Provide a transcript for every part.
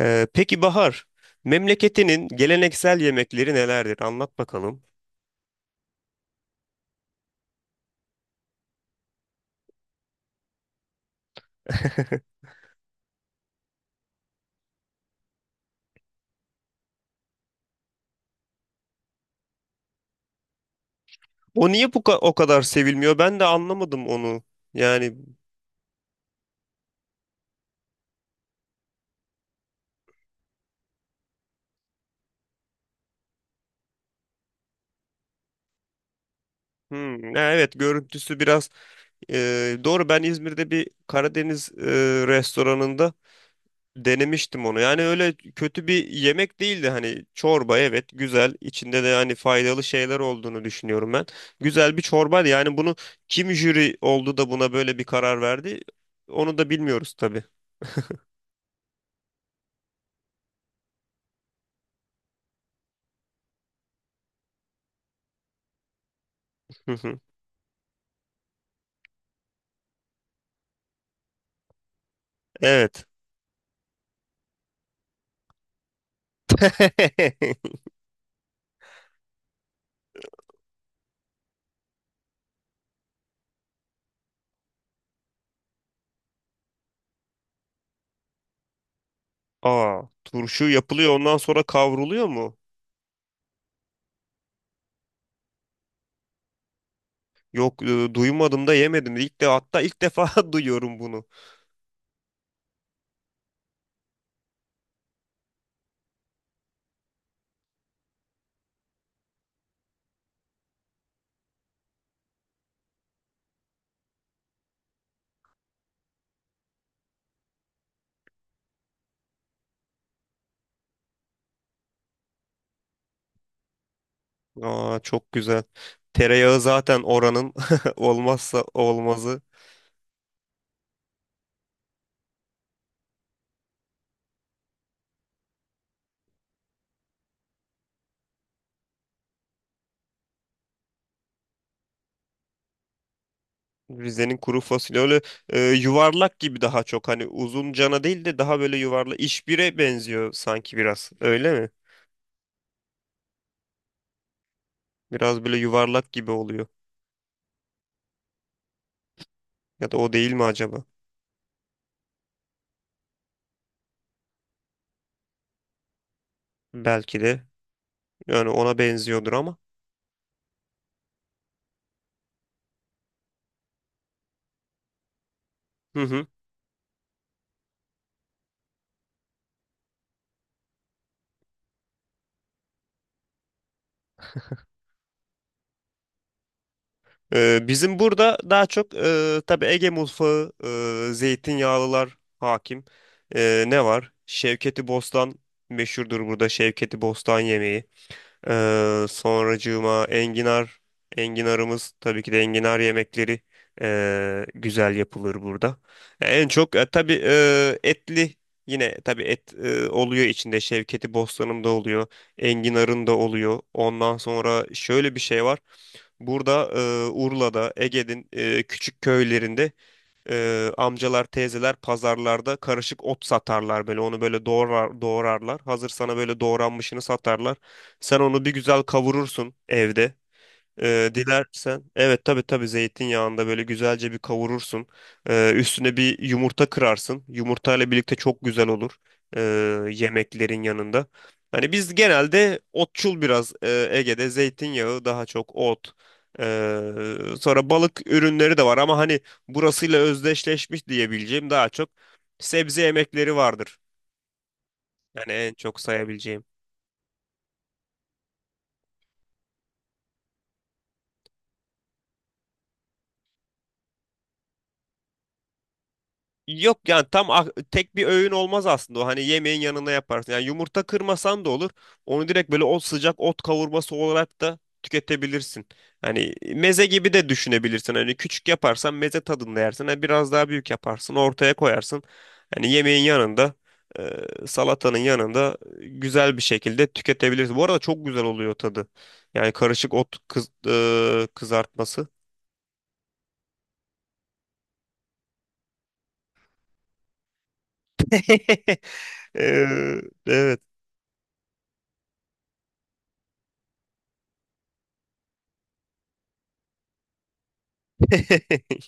Peki Bahar, memleketinin geleneksel yemekleri nelerdir? Anlat bakalım. O niye o kadar sevilmiyor? Ben de anlamadım onu. Yani hmm, ha, evet görüntüsü biraz e, doğru. Ben İzmir'de bir Karadeniz restoranında denemiştim onu. Yani öyle kötü bir yemek değildi. Hani çorba, evet, güzel. İçinde de hani faydalı şeyler olduğunu düşünüyorum ben. Güzel bir çorbaydı. Yani bunu kim jüri oldu da buna böyle bir karar verdi? Onu da bilmiyoruz tabii. Evet. Aa, turşu yapılıyor, ondan sonra kavruluyor mu? Yok, duymadım da yemedim. İlk de, hatta ilk defa duyuyorum bunu. Aa, çok güzel. Tereyağı zaten oranın olmazsa olmazı. Rize'nin kuru fasulye öyle yuvarlak gibi, daha çok hani uzun cana değil de daha böyle yuvarlak işbire benziyor sanki, biraz öyle mi? Biraz böyle yuvarlak gibi oluyor ya da o değil mi acaba? Belki de, yani ona benziyordur ama. Hı hı. Bizim burada daha çok tabii Ege mutfağı, zeytinyağlılar hakim. Ne var? Şevketi Bostan meşhurdur burada. Şevketi Bostan yemeği. Sonracığıma enginar. Enginarımız, tabii ki de, enginar yemekleri güzel yapılır burada. En çok tabii etli, yine tabii et oluyor içinde. Şevketi Bostan'ın da oluyor. Enginar'ın da oluyor. Ondan sonra şöyle bir şey var. Burada, Urla'da, Ege'nin küçük köylerinde, amcalar, teyzeler pazarlarda karışık ot satarlar böyle. Onu böyle doğrarlar. Hazır sana böyle doğranmışını satarlar. Sen onu bir güzel kavurursun evde. Dilersen, evet tabii, zeytinyağında böyle güzelce bir kavurursun. Üstüne bir yumurta kırarsın. Yumurtayla birlikte çok güzel olur ee, yemeklerin yanında. Hani biz genelde otçul biraz, Ege'de zeytinyağı, daha çok ot. Ee, Sonra balık ürünleri de var ama hani burasıyla özdeşleşmiş diyebileceğim daha çok sebze yemekleri vardır. Yani en çok sayabileceğim. Yok, yani tam tek bir öğün olmaz aslında o, hani yemeğin yanına yaparsın. Yani yumurta kırmasan da olur. Onu direkt böyle o sıcak ot kavurması olarak da tüketebilirsin. Hani meze gibi de düşünebilirsin. Hani küçük yaparsan meze tadında yersin. Hani biraz daha büyük yaparsın, ortaya koyarsın. Hani yemeğin yanında, salatanın yanında güzel bir şekilde tüketebilirsin. Bu arada çok güzel oluyor tadı. Yani karışık ot kızartması. E, evet.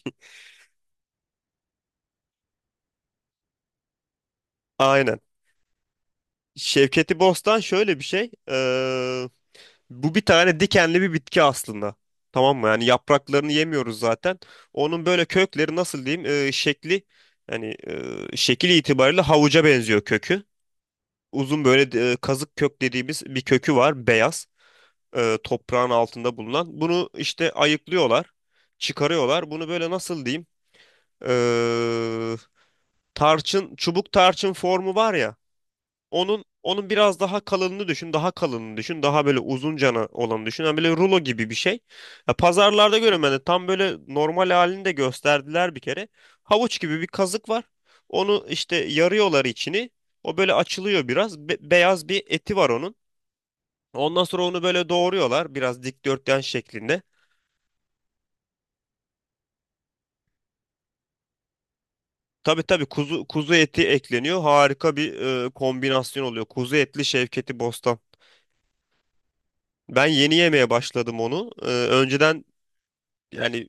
Aynen. Şevketi Bostan şöyle bir şey. Bu bir tane dikenli bir bitki aslında. Tamam mı? Yani yapraklarını yemiyoruz zaten. Onun böyle kökleri, nasıl diyeyim, şekli, yani şekil itibariyle havuca benziyor kökü. Uzun böyle, kazık kök dediğimiz bir kökü var, beyaz, toprağın altında bulunan. Bunu işte ayıklıyorlar, çıkarıyorlar. Bunu böyle, nasıl diyeyim, eee, tarçın, çubuk tarçın formu var ya. Onun biraz daha kalınını düşün, daha kalınını düşün, daha böyle uzun cana olanı düşün. Yani böyle rulo gibi bir şey. Ya pazarlarda görüyorum ben de, tam böyle normal halini de gösterdiler bir kere. Havuç gibi bir kazık var. Onu işte yarıyorlar içini. O böyle açılıyor biraz. Beyaz bir eti var onun. Ondan sonra onu böyle doğruyorlar, biraz dikdörtgen şeklinde. Tabii tabii, kuzu eti ekleniyor. Harika bir kombinasyon oluyor. Kuzu etli Şevketi Bostan. Ben yeni yemeye başladım onu. E, önceden yani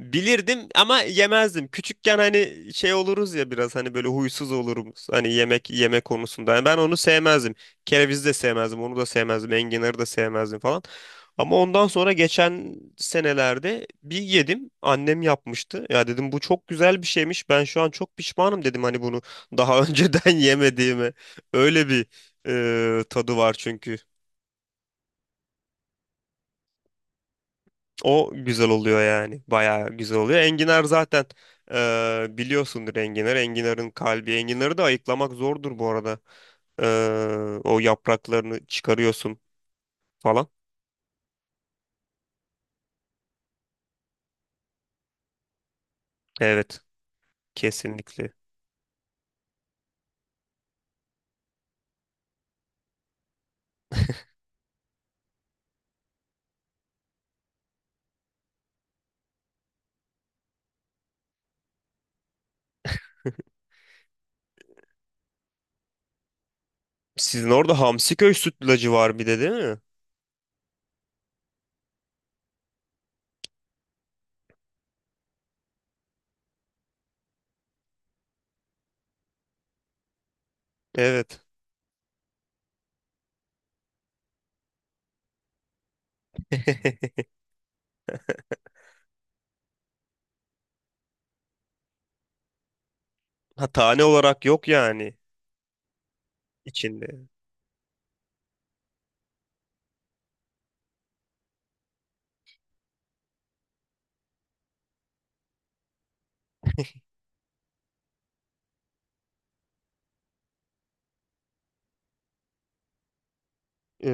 bilirdim ama yemezdim. Küçükken hani şey oluruz ya, biraz hani böyle huysuz oluruz hani yemek yeme konusunda. Yani ben onu sevmezdim. Kerevizi de sevmezdim, onu da sevmezdim, enginarı da sevmezdim falan. Ama ondan sonra geçen senelerde bir yedim. Annem yapmıştı. Ya dedim, bu çok güzel bir şeymiş. Ben şu an çok pişmanım dedim, hani bunu daha önceden yemediğime. Öyle bir tadı var çünkü. O güzel oluyor yani. Bayağı güzel oluyor. Enginar zaten, biliyorsundur enginar. Enginarın kalbi. Enginarı da ayıklamak zordur bu arada. O yapraklarını çıkarıyorsun falan. Evet. Kesinlikle. Sizin orada Hamsiköy sütlacı var bir de, değil mi? Evet. Ha, tane olarak yok yani içinde.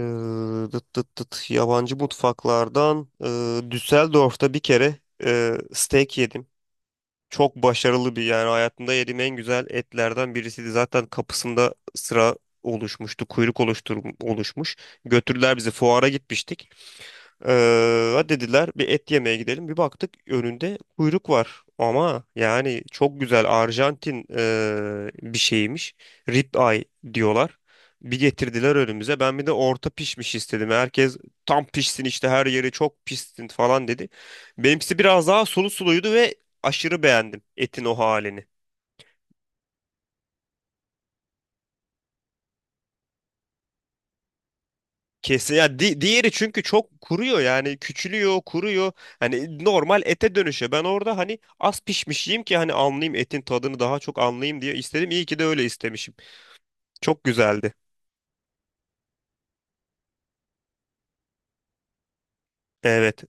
Dıt dıt dıt. Yabancı mutfaklardan Düsseldorf'ta bir kere steak yedim. Çok başarılı bir, yani hayatımda yediğim en güzel etlerden birisiydi. Zaten kapısında sıra oluşmuştu, kuyruk oluştur oluşmuş. Götürdüler, bizi fuara gitmiştik. Dediler bir et yemeye gidelim. Bir baktık, önünde kuyruk var. Ama yani çok güzel Arjantin bir şeymiş. Rib eye diyorlar. Bir getirdiler önümüze. Ben bir de orta pişmiş istedim. Herkes tam pişsin işte, her yeri çok pişsin falan dedi. Benimkisi biraz daha suluydu ve aşırı beğendim etin o halini. Kesin ya, diğeri çünkü çok kuruyor, yani küçülüyor, kuruyor, hani normal ete dönüşüyor. Ben orada hani az pişmiş yiyeyim ki hani anlayayım etin tadını, daha çok anlayayım diye istedim. İyi ki de öyle istemişim, çok güzeldi. Evet,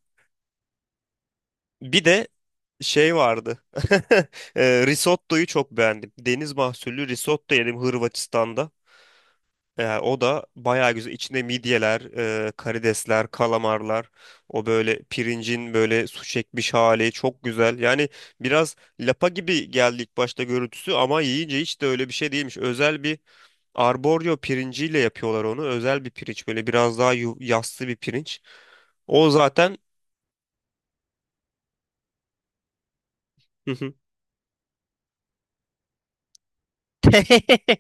bir de şey vardı. Risottoyu çok beğendim, deniz mahsullü risotto yedim Hırvatistan'da. O da bayağı güzel. İçinde midyeler, karidesler, kalamarlar. O böyle pirincin böyle su çekmiş hali çok güzel. Yani biraz lapa gibi geldi ilk başta görüntüsü, ama yiyince hiç de öyle bir şey değilmiş. Özel bir arboryo pirinciyle yapıyorlar onu. Özel bir pirinç, böyle biraz daha yassı bir pirinç. O zaten... Hı hı.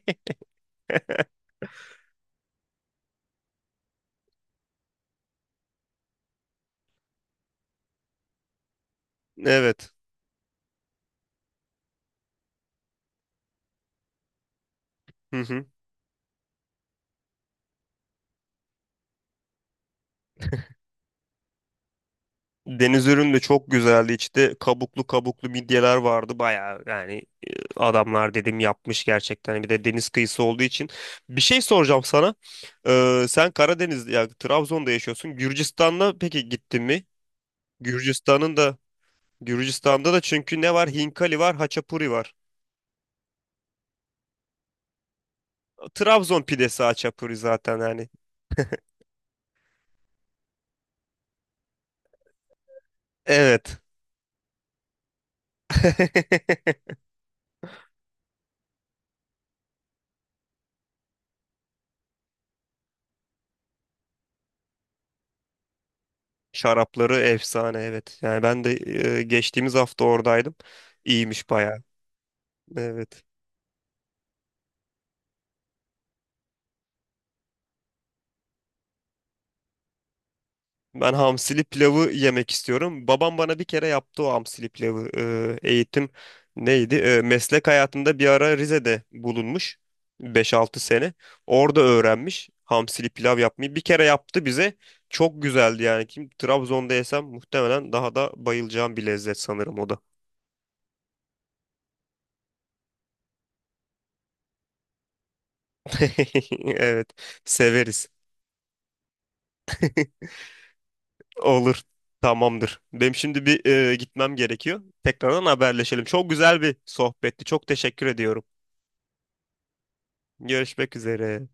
Evet. Hı hı. Deniz ürünü de çok güzeldi. İşte kabuklu midyeler vardı. Bayağı yani, adamlar dedim yapmış gerçekten. Bir de deniz kıyısı olduğu için. Bir şey soracağım sana. Sen Karadeniz ya Trabzon'da yaşıyorsun. Gürcistan'da peki, gittin mi? Gürcistan'ın da, Gürcistan'da da, çünkü ne var? Hinkali var, haçapuri var. Trabzon pidesi haçapuri zaten yani. Evet. Şarapları efsane, evet. Yani ben de geçtiğimiz hafta oradaydım. İyiymiş bayağı. Evet. Ben hamsili pilavı yemek istiyorum. Babam bana bir kere yaptı o hamsili pilavı. Eğitim neydi? E, meslek hayatında bir ara Rize'de bulunmuş, 5-6 sene. Orada öğrenmiş hamsili pilav yapmayı. Bir kere yaptı bize. Çok güzeldi yani. Kim Trabzon'da yesem muhtemelen daha da bayılacağım bir lezzet sanırım o da. Evet, severiz. Olur. Tamamdır. Benim şimdi bir gitmem gerekiyor. Tekrardan haberleşelim. Çok güzel bir sohbetti. Çok teşekkür ediyorum. Görüşmek üzere.